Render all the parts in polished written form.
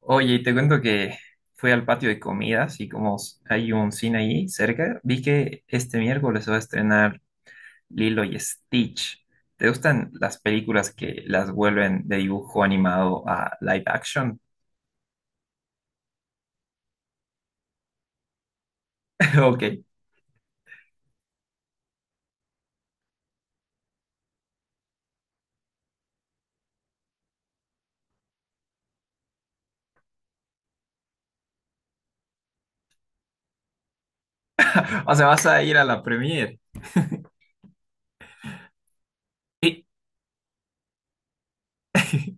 Oye, y te cuento que fui al patio de comidas y como hay un cine ahí cerca, vi que este miércoles se va a estrenar Lilo y Stitch. ¿Te gustan las películas que las vuelven de dibujo animado a live action? Ok, o sea, vas a ir a la premiere. Sí.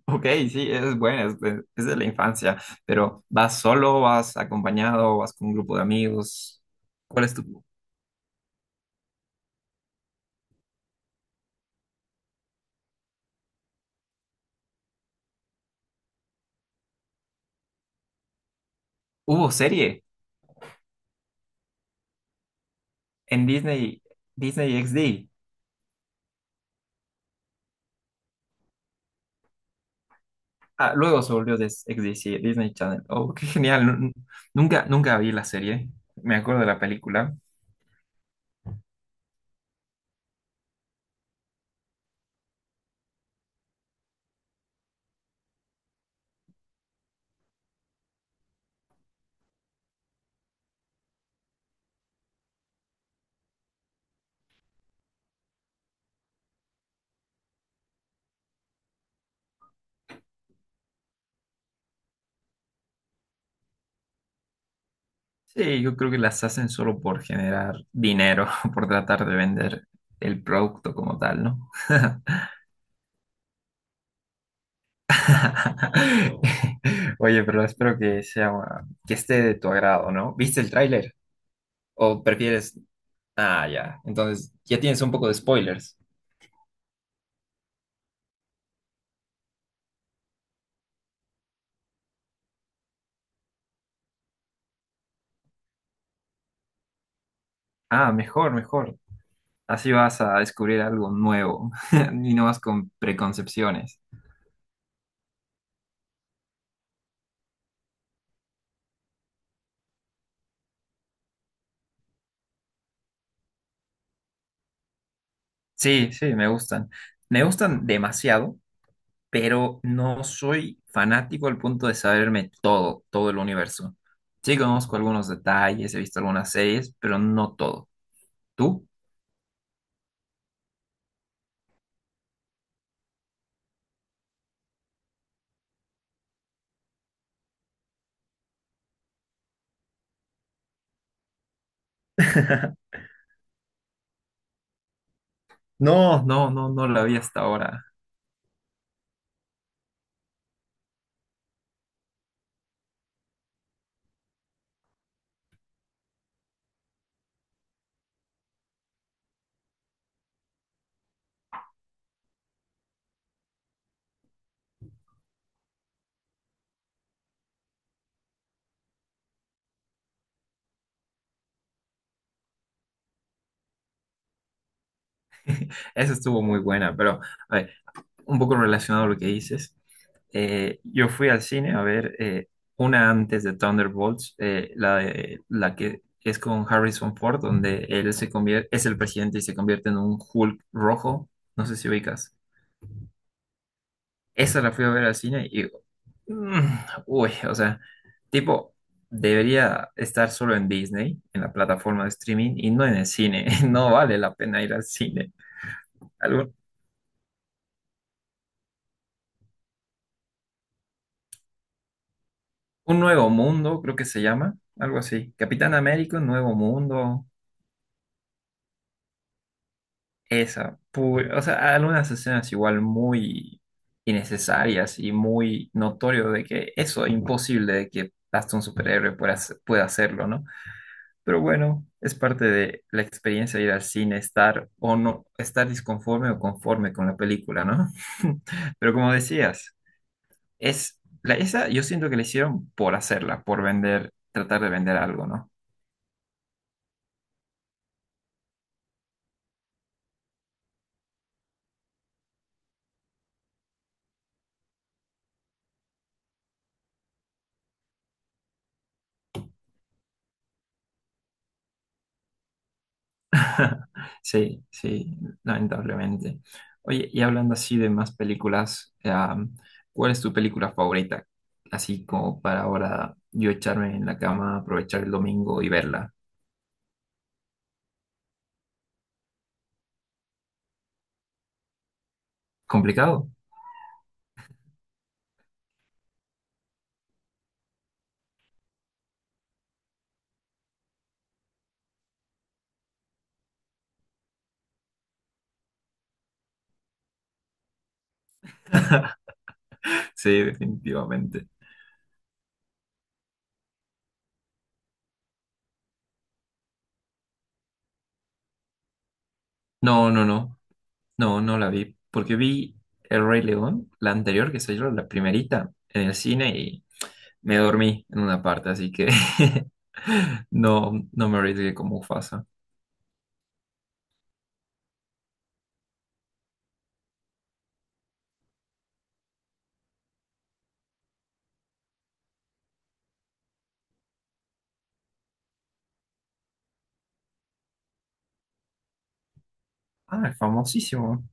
Ok, sí, es buena, es de la infancia, pero ¿vas solo, vas acompañado, vas con un grupo de amigos? ¿Cuál es tu... Hubo serie en Disney, Disney XD. Ah, luego se volvió de ex DC Disney Channel. Oh, qué genial. Nunca, nunca vi la serie. Me acuerdo de la película. Sí, yo creo que las hacen solo por generar dinero, por tratar de vender el producto como tal, ¿no? Oye, pero espero que sea, que esté de tu agrado, ¿no? ¿Viste el tráiler? ¿O prefieres? Ah, ya. Entonces, ya tienes un poco de spoilers. Ah, mejor, mejor. Así vas a descubrir algo nuevo y no vas con preconcepciones. Sí, sí, me gustan. Me gustan demasiado, pero no soy fanático al punto de saberme todo, todo el universo. Sí, conozco algunos detalles, he visto algunas series, pero no todo. ¿Tú? No, no, no, no la vi hasta ahora. Esa estuvo muy buena, pero a ver, un poco relacionado a lo que dices. Yo fui al cine a ver una antes de Thunderbolts, la que es con Harrison Ford, donde él se convierte, es el presidente y se convierte en un Hulk rojo. No sé si ubicas. Esa la fui a ver al cine y "Mm, uy, o sea, tipo, debería estar solo en Disney, en la plataforma de streaming y no en el cine. No vale la pena ir al cine. Algo- un nuevo mundo, creo que se llama, algo así. Capitán América, un nuevo mundo. Esa, o sea, algunas escenas igual muy innecesarias y muy notorio de que eso es imposible de que hasta un superhéroe pueda, pueda hacerlo, ¿no? Pero bueno, es parte de la experiencia de ir al cine, estar o no, estar disconforme o conforme con la película, ¿no? Pero como decías, esa yo siento que la hicieron por hacerla, por vender, tratar de vender algo, ¿no? Sí, sí, lamentablemente. Oye, y hablando así de más películas, ¿cuál es tu película favorita? Así como para ahora yo echarme en la cama, aprovechar el domingo y verla. ¿Complicado? Sí, definitivamente. No, no, no, no, no la vi, porque vi El Rey León, la anterior que salió, la primerita, en el cine y me dormí en una parte, así que no, no me arriesgué como Mufasa. Ah, famosísimo.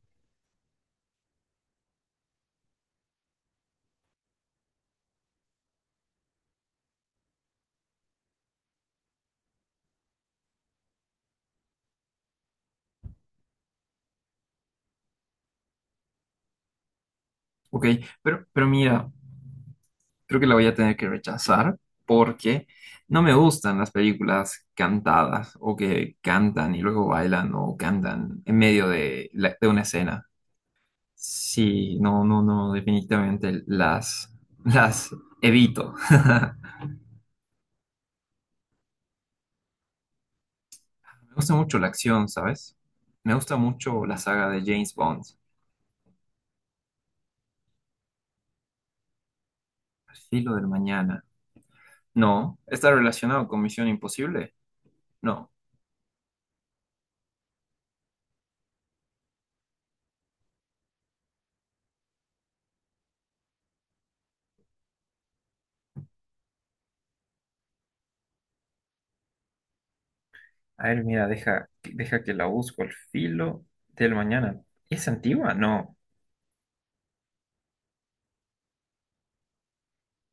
Ok, pero mira, creo que la voy a tener que rechazar porque no me gustan las películas cantadas o que cantan y luego bailan o cantan en medio de, de una escena. Sí, no, no, no, definitivamente las evito. Me gusta mucho la acción, ¿sabes? Me gusta mucho la saga de James Bond, Al filo del mañana. No, ¿está relacionado con Misión Imposible? No. A ver, mira, deja, deja que la busco al filo del mañana. ¿Es antigua? No.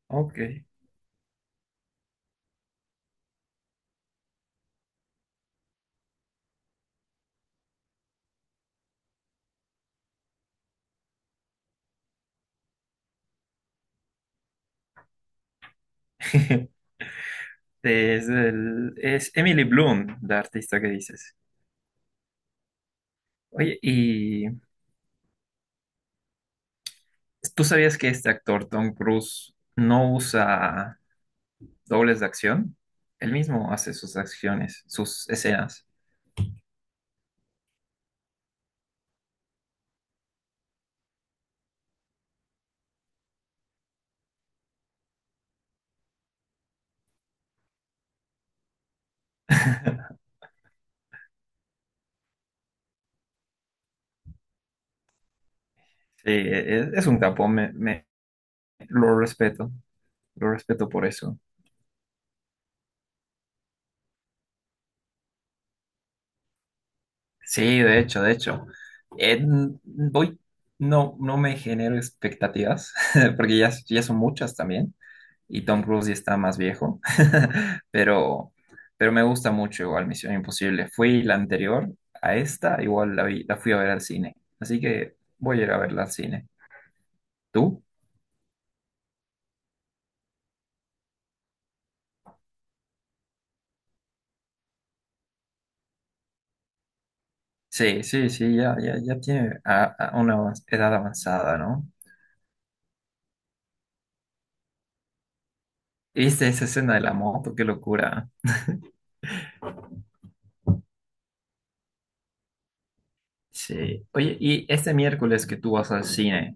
Ok. Es, es Emily Bloom, la artista que dices. Oye, ¿y tú sabías que este actor, Tom Cruise, no usa dobles de acción? Él mismo hace sus acciones, sus escenas. Sí, es un capo, lo respeto, lo respeto por eso. Sí, de hecho, de hecho. Voy, no, no me genero expectativas, porque ya, ya son muchas también, y Tom Cruise ya está más viejo, pero, pero me gusta mucho igual Misión Imposible. Fui la anterior a esta, igual la fui a ver al cine, así que voy a ir a verla al cine. ¿Tú? Sí, sí, sí, ya, ya, ya tiene a una edad avanzada, ¿no? ¿Viste esa escena de la moto? ¡Qué locura! Sí. Oye, y este miércoles que tú vas al cine.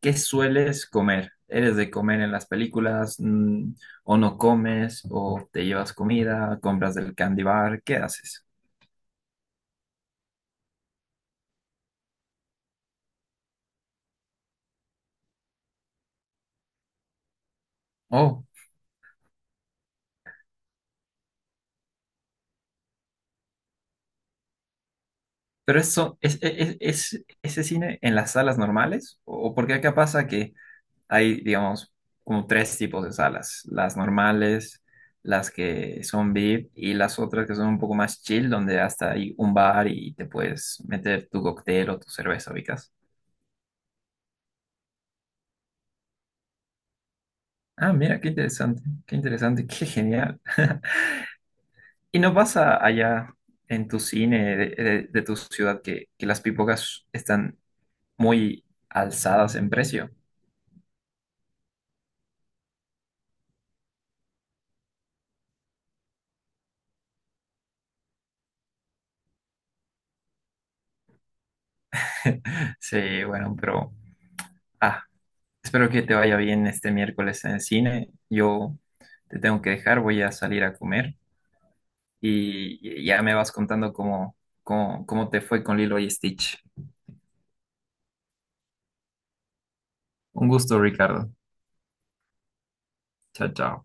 ¿Qué sueles comer? ¿Eres de comer en las películas? Mm, ¿o no comes? ¿O te llevas comida? ¿Compras del candy bar? ¿Qué haces? Oh, pero eso es, ¿ese cine en las salas normales? ¿O porque acá pasa que hay, digamos, como tres tipos de salas? Las normales, las que son VIP y las otras que son un poco más chill, donde hasta hay un bar y te puedes meter tu cóctel o tu cerveza, ubicas. Ah, mira, qué interesante, qué interesante, qué genial. ¿Y no pasa allá en tu cine de tu ciudad que las pipocas están muy alzadas en precio? Sí, bueno, pero ah, espero que te vaya bien este miércoles en el cine. Yo te tengo que dejar, voy a salir a comer y ya me vas contando cómo, cómo, cómo te fue con Lilo y Stitch. Un gusto, Ricardo. Chao, chao.